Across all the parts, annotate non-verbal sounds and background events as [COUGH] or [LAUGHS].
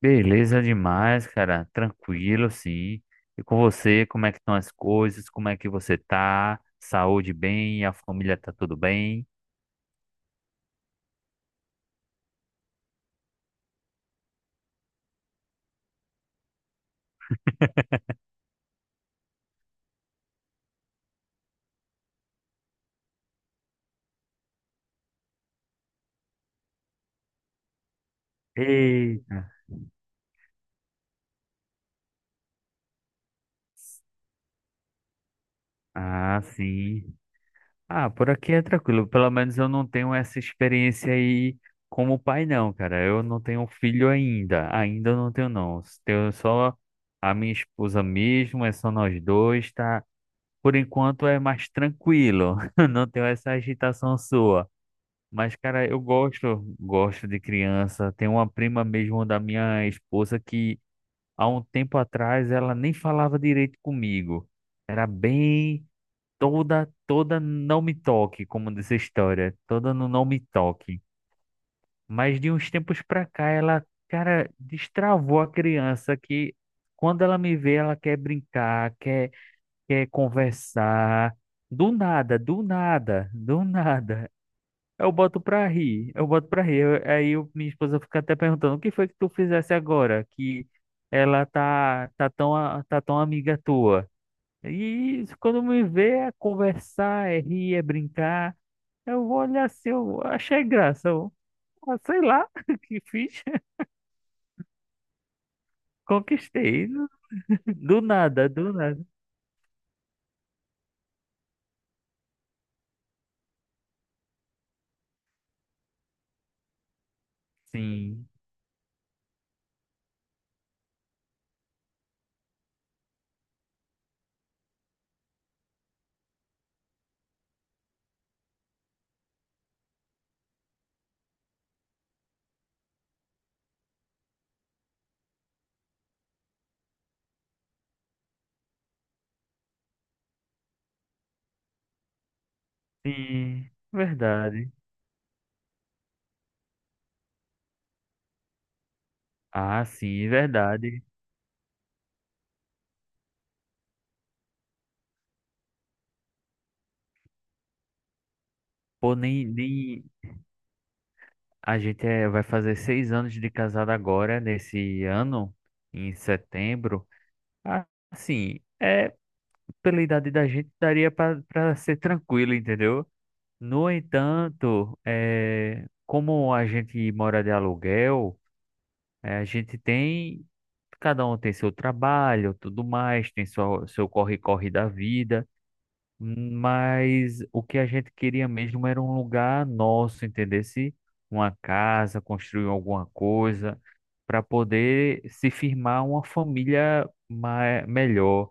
Beleza demais, cara. Tranquilo, sim. E com você, como é que estão as coisas? Como é que você tá? Saúde bem? A família tá tudo bem? Eita. Ah, sim. Ah, por aqui é tranquilo. Pelo menos eu não tenho essa experiência aí como pai, não, cara. Eu não tenho filho ainda. Ainda não tenho, não. Tenho só a minha esposa mesmo, é só nós dois, tá? Por enquanto é mais tranquilo. [LAUGHS] Não tenho essa agitação sua. Mas, cara, eu gosto de criança. Tem uma prima mesmo da minha esposa que há um tempo atrás ela nem falava direito comigo. Era bem toda não me toque, como diz a história, toda no não me toque. Mas de uns tempos pra cá ela, cara, destravou a criança que quando ela me vê, ela quer brincar, quer conversar. Do nada, do nada, do nada. Eu boto pra rir, eu boto pra rir. Eu- Aí eu, minha esposa fica até perguntando, o que foi que tu fizesse agora? Que ela tá tão amiga tua. E isso, quando me vê é conversar, é rir, é brincar. Eu vou olhar assim, eu achei graça. Eu, ah, sei lá [LAUGHS] o que fiz. [LAUGHS] Conquistei. Do nada, do nada. Sim, sim, verdade. Ah, sim, verdade. Pô, nem, nem, A gente vai fazer 6 anos de casado agora, nesse ano, em setembro. Ah, assim, é, pela idade da gente, daria para ser tranquilo, entendeu? No entanto, é, como a gente mora de aluguel, é, a gente tem. Cada um tem seu trabalho, tudo mais, tem seu corre-corre da vida. Mas o que a gente queria mesmo era um lugar nosso, entendesse? Uma casa, construir alguma coisa, para poder se firmar uma família melhor.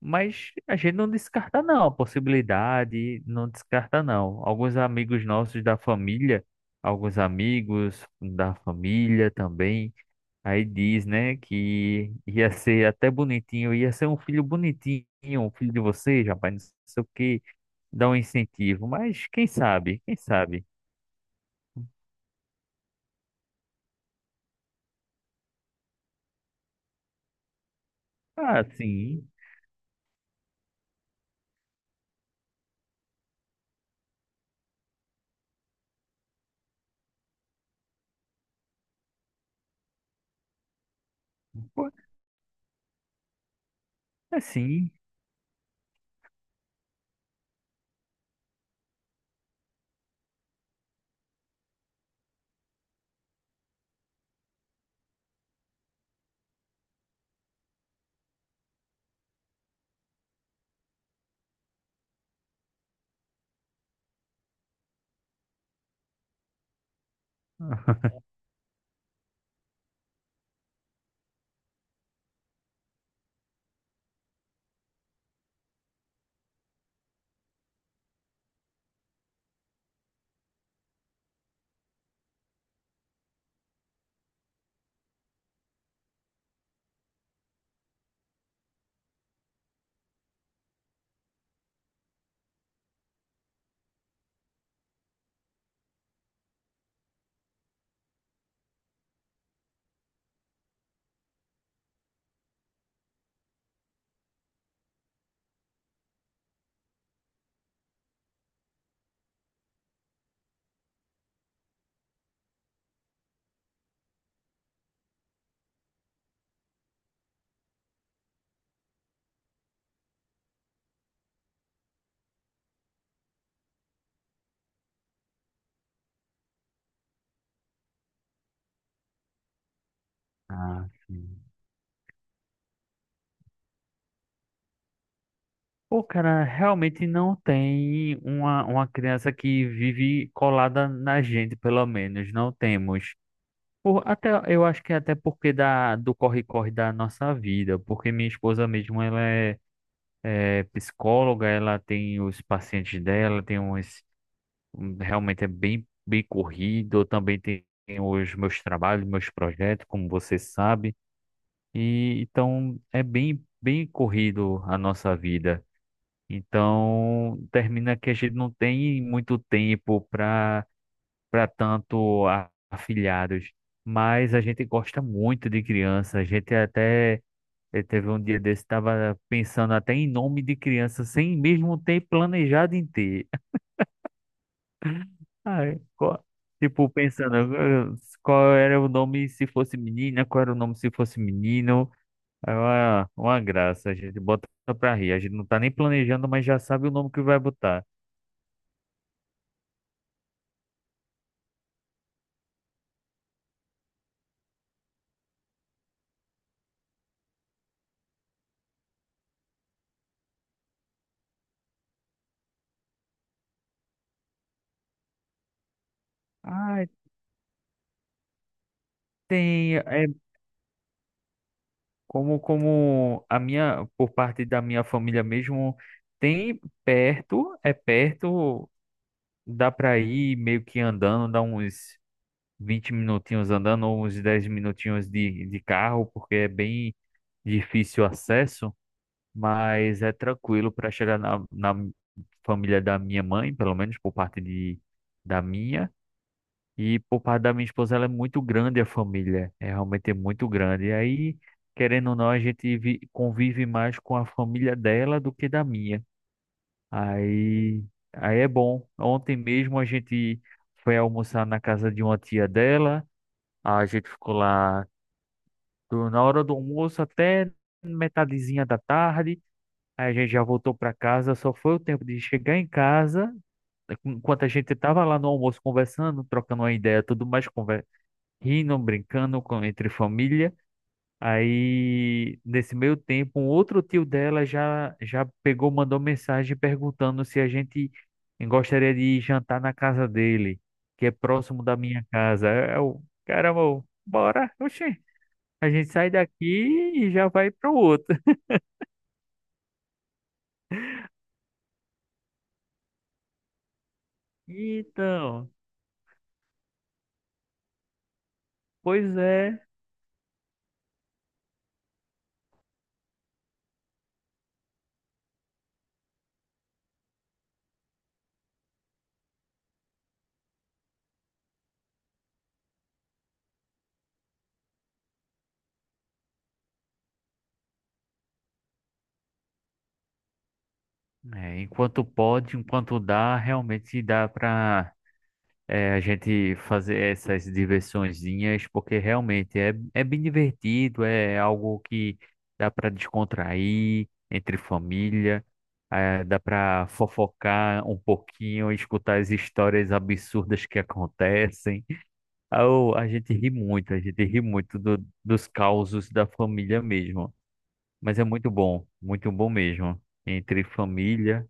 Mas a gente não descarta não a possibilidade, não descarta não. Alguns amigos nossos da família, alguns amigos da família também, aí diz, né, que ia ser até bonitinho, ia ser um filho bonitinho, um filho de vocês, rapaz, não sei o quê, dá um incentivo, mas quem sabe, quem sabe? Ah, sim, pô, é sim. [LAUGHS] Ah, sim. Pô, cara, realmente não tem uma criança que vive colada na gente, pelo menos, não temos. Por, eu acho que até porque do corre-corre da nossa vida, porque minha esposa mesmo, ela é, é psicóloga, ela tem os pacientes dela, tem uns, um, realmente é bem corrido, eu também tem os meus trabalhos, meus projetos, como você sabe, e então é bem corrido a nossa vida. Então, termina que a gente não tem muito tempo para tanto afilhados, mas a gente gosta muito de criança. A gente até teve um dia desse, estava pensando até em nome de criança, sem mesmo ter planejado em ter. [LAUGHS] Ai, qual- tipo, pensando qual era o nome se fosse menina, qual era o nome se fosse menino. É uma graça, a gente bota pra rir. A gente não tá nem planejando, mas já sabe o nome que vai botar. Tem, é como a minha, por parte da minha família mesmo, tem perto, é perto, dá pra ir meio que andando, dá uns 20 minutinhos andando, ou uns 10 minutinhos de carro, porque é bem difícil o acesso, mas é tranquilo para chegar na família da minha mãe, pelo menos por parte de, da minha. E por parte da minha esposa, ela é muito grande a família. É realmente é muito grande. E aí, querendo ou não, a gente convive mais com a família dela do que da minha. Aí, aí é bom. Ontem mesmo a gente foi almoçar na casa de uma tia dela. A gente ficou lá na hora do almoço até metadezinha da tarde. Aí a gente já voltou para casa. Só foi o tempo de chegar em casa, enquanto a gente estava lá no almoço conversando, trocando uma ideia, tudo mais rindo, brincando com, entre família. Aí, nesse meio tempo, um outro tio dela já pegou, mandou mensagem perguntando se a gente gostaria de jantar na casa dele, que é próximo da minha casa. É o caramba, eu, bora, oxê. A gente sai daqui e já vai para o outro. [LAUGHS] Então, pois é. É, enquanto pode, enquanto dá, realmente dá para a gente fazer essas diversõezinhas, porque realmente é bem divertido, é algo que dá para descontrair entre família, é, dá para fofocar um pouquinho, escutar as histórias absurdas que acontecem. A gente ri muito, a gente ri muito dos causos da família mesmo. Mas é muito bom mesmo. Entre família.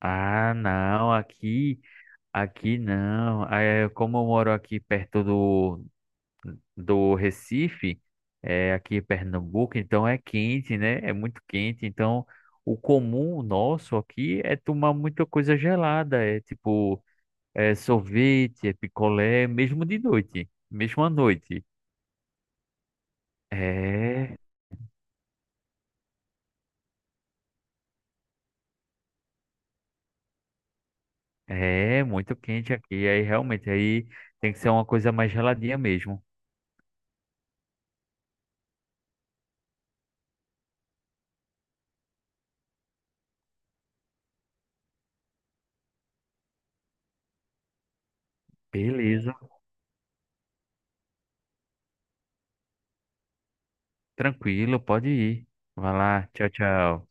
Ah, não, aqui. Aqui não. É, como eu moro aqui perto do, do Recife, é, aqui em Pernambuco, então é quente, né? É muito quente. Então, o comum nosso aqui é tomar muita coisa gelada. É tipo, é sorvete, é picolé, mesmo de noite, mesmo à noite. É, é muito quente aqui. Aí realmente aí tem que ser uma coisa mais geladinha mesmo. Beleza, tranquilo, pode ir. Vai lá, tchau, tchau.